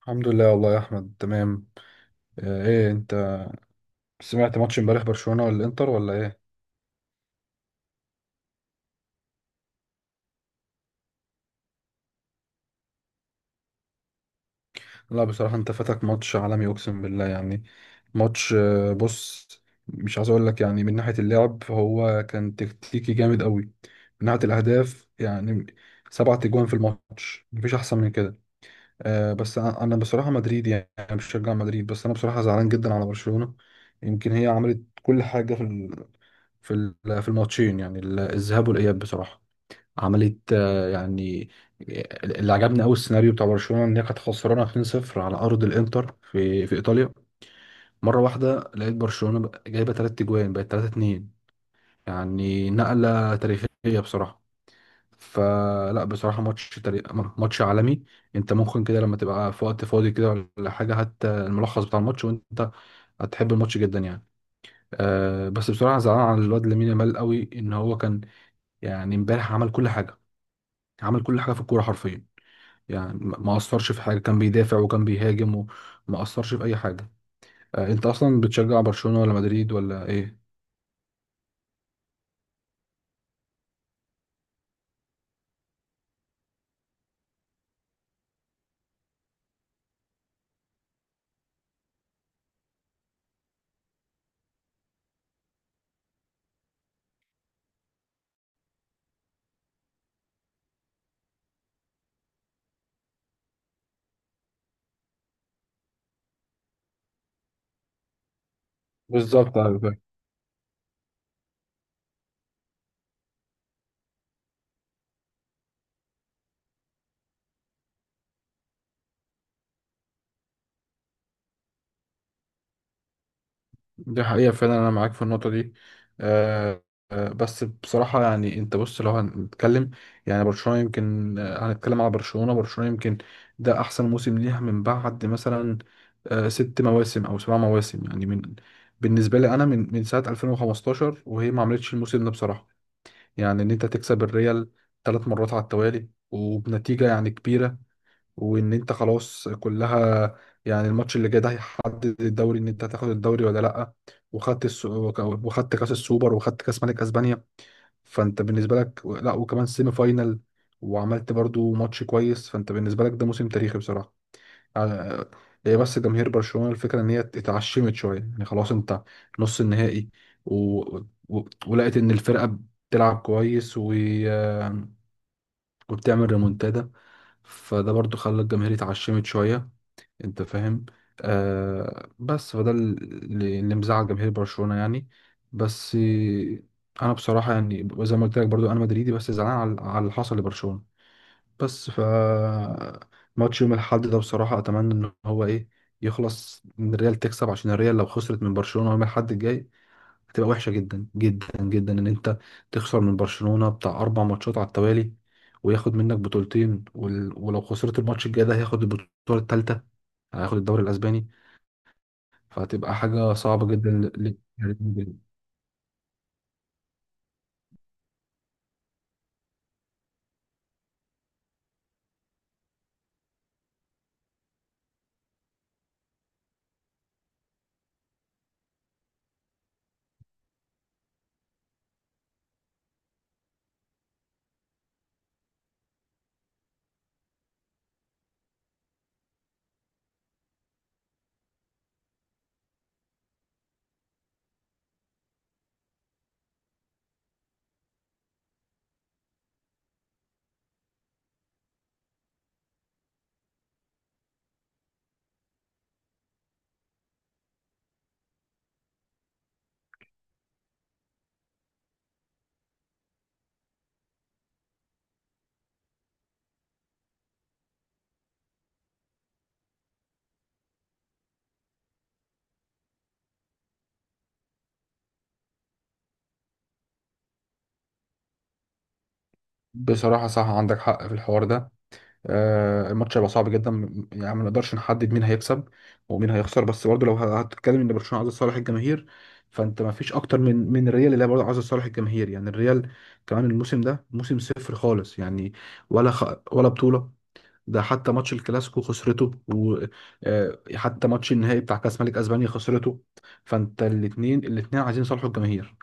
الحمد لله والله يا احمد تمام. ايه انت سمعت ماتش امبارح برشلونة ولا الانتر ولا ايه؟ لا بصراحة انت فاتك ماتش عالمي اقسم بالله يعني. ماتش بص، مش عايز اقول لك، يعني من ناحية اللعب هو كان تكتيكي جامد قوي. من ناحية الاهداف يعني 7 تجوان في الماتش، مفيش احسن من كده. بس انا بصراحة مدريد، يعني أنا بشجع مدريد، بس انا بصراحة زعلان جدا على برشلونة. يمكن هي عملت كل حاجة في ال- في الماتشين، يعني الذهاب والاياب بصراحة. عملت يعني اللي عجبني قوي السيناريو بتاع برشلونه ان هي كانت خسرانه 2-0 على ارض الانتر في ايطاليا. مره واحده لقيت برشلونه جايبه 3 اجوان، بقت 3-2، يعني نقله تاريخيه بصراحه. فلا بصراحه ماتش عالمي. انت ممكن كده لما تبقى في وقت فاضي كده ولا حاجه، حتى الملخص بتاع الماتش، وانت هتحب الماتش جدا يعني. أه بس بصراحه زعلان على الواد لامين يامال قوي، ان هو كان يعني امبارح عمل كل حاجه، عمل كل حاجه في الكوره حرفيا. يعني ما أثرش في حاجة، كان بيدافع وكان بيهاجم وما أثرش في أي حاجة. آه، أنت أصلا بتشجع برشلونة ولا مدريد ولا إيه؟ بالظبط أيوة فاهم. دي حقيقة فعلا، أنا معاك في النقطة دي. آه. بس بصراحة يعني أنت بص، لو هنتكلم يعني برشلونة، يمكن هنتكلم على برشلونة. برشلونة يمكن ده أحسن موسم ليها من بعد مثلا آه 6 مواسم أو 7 مواسم، يعني من، بالنسبة لي أنا، من ساعة 2015 وهي ما عملتش الموسم ده بصراحة. يعني ان انت تكسب الريال 3 مرات على التوالي وبنتيجة يعني كبيرة، وان انت خلاص كلها، يعني الماتش اللي جاي ده هيحدد الدوري، ان انت هتاخد الدوري ولا لا. وخدت وخدت كاس السوبر، وخدت كاس ملك اسبانيا، فانت بالنسبة لك، لا، وكمان سيمي فاينل وعملت برضو ماتش كويس. فانت بالنسبة لك ده موسم تاريخي بصراحة. على- هي بس جماهير برشلونة، الفكرة ان هي اتعشمت شوية. يعني خلاص انت نص النهائي و... ولقيت ان الفرقة بتلعب كويس وبتعمل ريمونتادا، فده برضو خلى الجماهير اتعشمت شوية، انت فاهم؟ آه، بس فده اللي مزعل جماهير برشلونة يعني. بس انا بصراحة، يعني زي ما قلت لك، برضو انا مدريدي، بس زعلان على اللي حصل لبرشلونة. بس ف ماتش يوم الاحد ده بصراحة أتمنى إن هو إيه، يخلص إن الريال تكسب، عشان الريال لو خسرت من برشلونة يوم الاحد الجاي، هتبقى وحشة جدا جدا جدا، إن أنت تخسر من برشلونة بتاع 4 ماتشات على التوالي وياخد منك بطولتين ولو خسرت الماتش الجاي ده، هياخد البطولة التالتة، هياخد الدوري الأسباني. فهتبقى حاجة صعبة جدا بصراحة صح، عندك حق في الحوار ده. آه، الماتش هيبقى صعب جدا، يعني ما نقدرش نحدد مين هيكسب ومين هيخسر. بس برضه لو هتتكلم ان برشلونه عايز صالح الجماهير، فانت ما فيش اكتر من الريال اللي هي برضه عايز صالح الجماهير. يعني الريال كمان الموسم ده موسم صفر خالص، يعني ولا خ... ولا بطوله. ده حتى ماتش الكلاسيكو خسرته، وحتى ماتش النهائي بتاع كاس ملك اسبانيا خسرته، فانت الاثنين الاثنين عايزين يصالحوا الجماهير،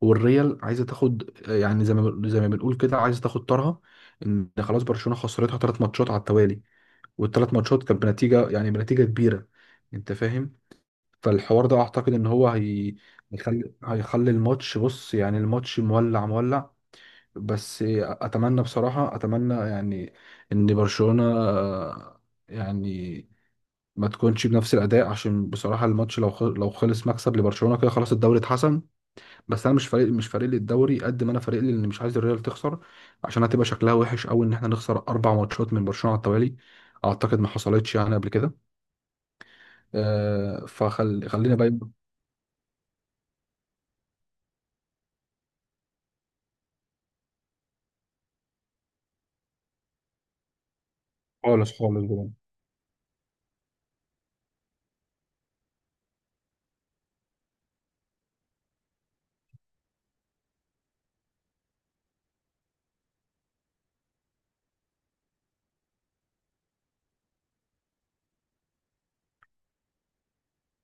والريال عايزه تاخد، يعني زي ما بنقول كده، عايزه تاخد طارها. ان خلاص برشلونه خسرتها 3 ماتشات على التوالي، والثلاث ماتشات كانت بنتيجه، يعني بنتيجه كبيره، انت فاهم؟ فالحوار ده اعتقد ان هو هي هيخلي الماتش، بص يعني الماتش مولع مولع. بس اتمنى بصراحه، اتمنى يعني ان برشلونه يعني ما تكونش بنفس الاداء، عشان بصراحه الماتش لو لو خلص مكسب لبرشلونه كده، خلاص الدوري اتحسم. بس انا مش فارق، مش فارق لي الدوري قد ما انا فارق لي ان مش عايز الريال تخسر، عشان هتبقى شكلها وحش قوي ان احنا نخسر 4 ماتشات من برشلونة على التوالي، اعتقد ما حصلتش يعني قبل كده. آه خلينا بقى خالص خالص بقى.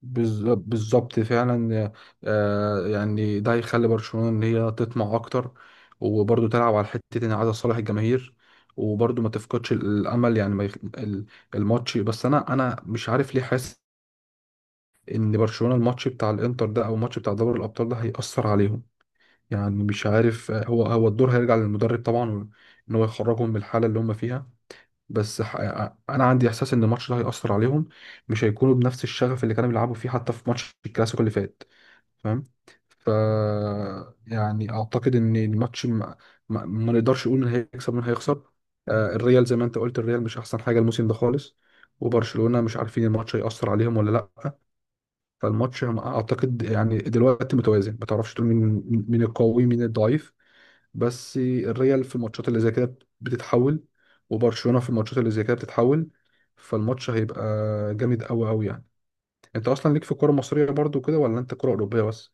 بالظبط فعلا. آه، يعني ده هيخلي برشلونة ان هي تطمع اكتر، وبرضه تلعب على حتة ان عايزة صالح الجماهير، وبرضه ما تفقدش الامل. يعني ما يخ... ال- الماتش، بس انا مش عارف ليه حاسس ان برشلونة الماتش بتاع الانتر ده او الماتش بتاع دوري الابطال ده هيأثر عليهم. يعني مش عارف، هو الدور هيرجع للمدرب طبعا ان هو يخرجهم من الحالة اللي هم فيها. بس ح- انا عندي احساس ان الماتش ده هيأثر عليهم، مش هيكونوا بنفس الشغف اللي كانوا بيلعبوا فيه حتى في ماتش الكلاسيكو اللي فات، فاهم؟ ف يعني اعتقد ان الماتش ما نقدرش نقول مين هيكسب مين هيخسر. آه، الريال زي ما انت قلت الريال مش احسن حاجة الموسم ده خالص، وبرشلونة مش عارفين الماتش هيأثر عليهم ولا لا. فالماتش اعتقد يعني دلوقتي متوازن، ما تعرفش تقول مين القوي مين الضعيف. بس الريال في الماتشات اللي زي كده بتتحول، وبرشلونة في الماتشات اللي زي كده بتتحول. فالماتش هيبقى جامد قوي قوي يعني. انت اصلا ليك في الكرة المصرية برضو كده، ولا انت كرة اوروبية بس؟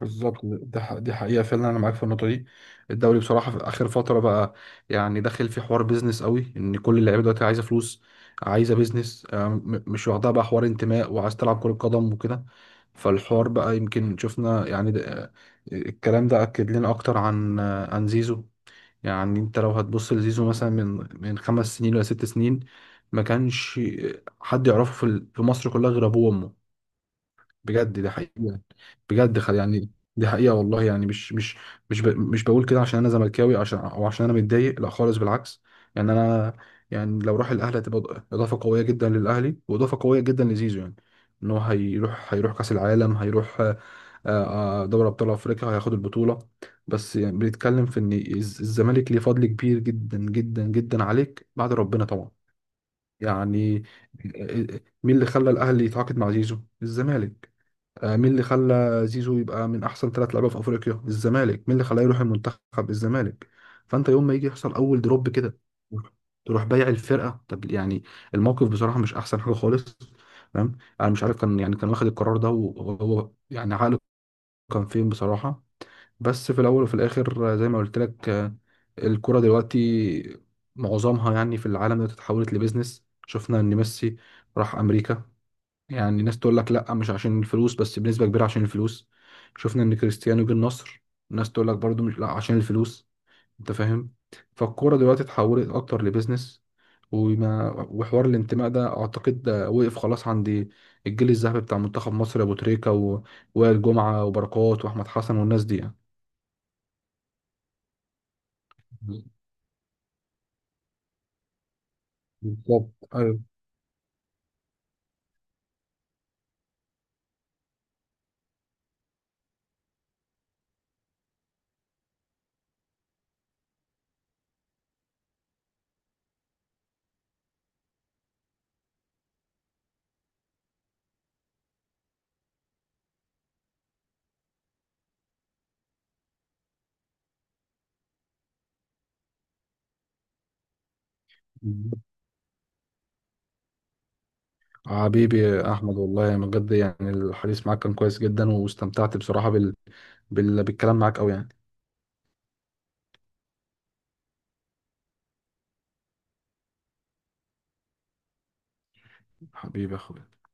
بالظبط، دي حقيقة فعلا، أنا معاك في النقطة دي. الدوري بصراحة في آخر فترة بقى، يعني داخل في حوار بيزنس قوي، إن كل اللعيبة دلوقتي عايزة فلوس، عايزة بيزنس، مش واخدها بقى حوار انتماء وعايز تلعب كرة قدم وكده. فالحوار بقى يمكن شفنا يعني ده، الكلام ده أكد لنا أكتر عن عن زيزو. يعني أنت لو هتبص لزيزو مثلا من 5 سنين ولا 6 سنين، ما كانش حد يعرفه في مصر كلها غير أبوه وأمه، بجد ده حقيقة، بجد خل يعني دي حقيقة والله. يعني مش مش مش بقول كده عشان انا زملكاوي، عشان او عشان انا متضايق، لا خالص بالعكس. يعني انا يعني لو راح الاهلي هتبقى اضافة قوية جدا للاهلي واضافة قوية جدا لزيزو. يعني ان هو هيروح كاس العالم، هيروح دوري ابطال افريقيا، هياخد البطولة. بس يعني بنتكلم في ان الزمالك ليه فضل كبير جدا جدا جدا عليك بعد ربنا طبعا. يعني آه، مين اللي خلى الاهلي يتعاقد مع زيزو؟ الزمالك. مين اللي خلى زيزو يبقى من احسن 3 لعيبه في افريقيا؟ الزمالك. مين اللي خلاه يروح المنتخب؟ الزمالك. فانت يوم ما يجي يحصل اول دروب كده تروح بايع الفرقه، طب يعني الموقف بصراحه مش احسن حاجه خالص. تمام انا مش عارف كان يعني كان واخد القرار ده وهو يعني عقله كان فين بصراحه. بس في الاول وفي الاخر زي ما قلت لك، الكرة دلوقتي معظمها يعني في العالم دلوقتي اتحولت لبيزنس. شفنا ان ميسي راح امريكا، يعني ناس تقول لك لا مش عشان الفلوس، بس بنسبة كبيرة عشان الفلوس. شفنا ان كريستيانو جه النصر، ناس تقول لك برضو مش لا عشان الفلوس، انت فاهم؟ فالكورة دلوقتي اتحولت اكتر لبيزنس، وحوار الانتماء ده اعتقد ده وقف خلاص عند الجيل الذهبي بتاع منتخب مصر، ابو تريكة وائل جمعة وبركات واحمد حسن والناس دي يعني. بالظبط ايوه. بالظبط. حبيبي يا احمد والله من بجد يعني الحديث معاك كان كويس جدا، واستمتعت بصراحة بالكلام معاك قوي يعني. حبيبي يا اخويا.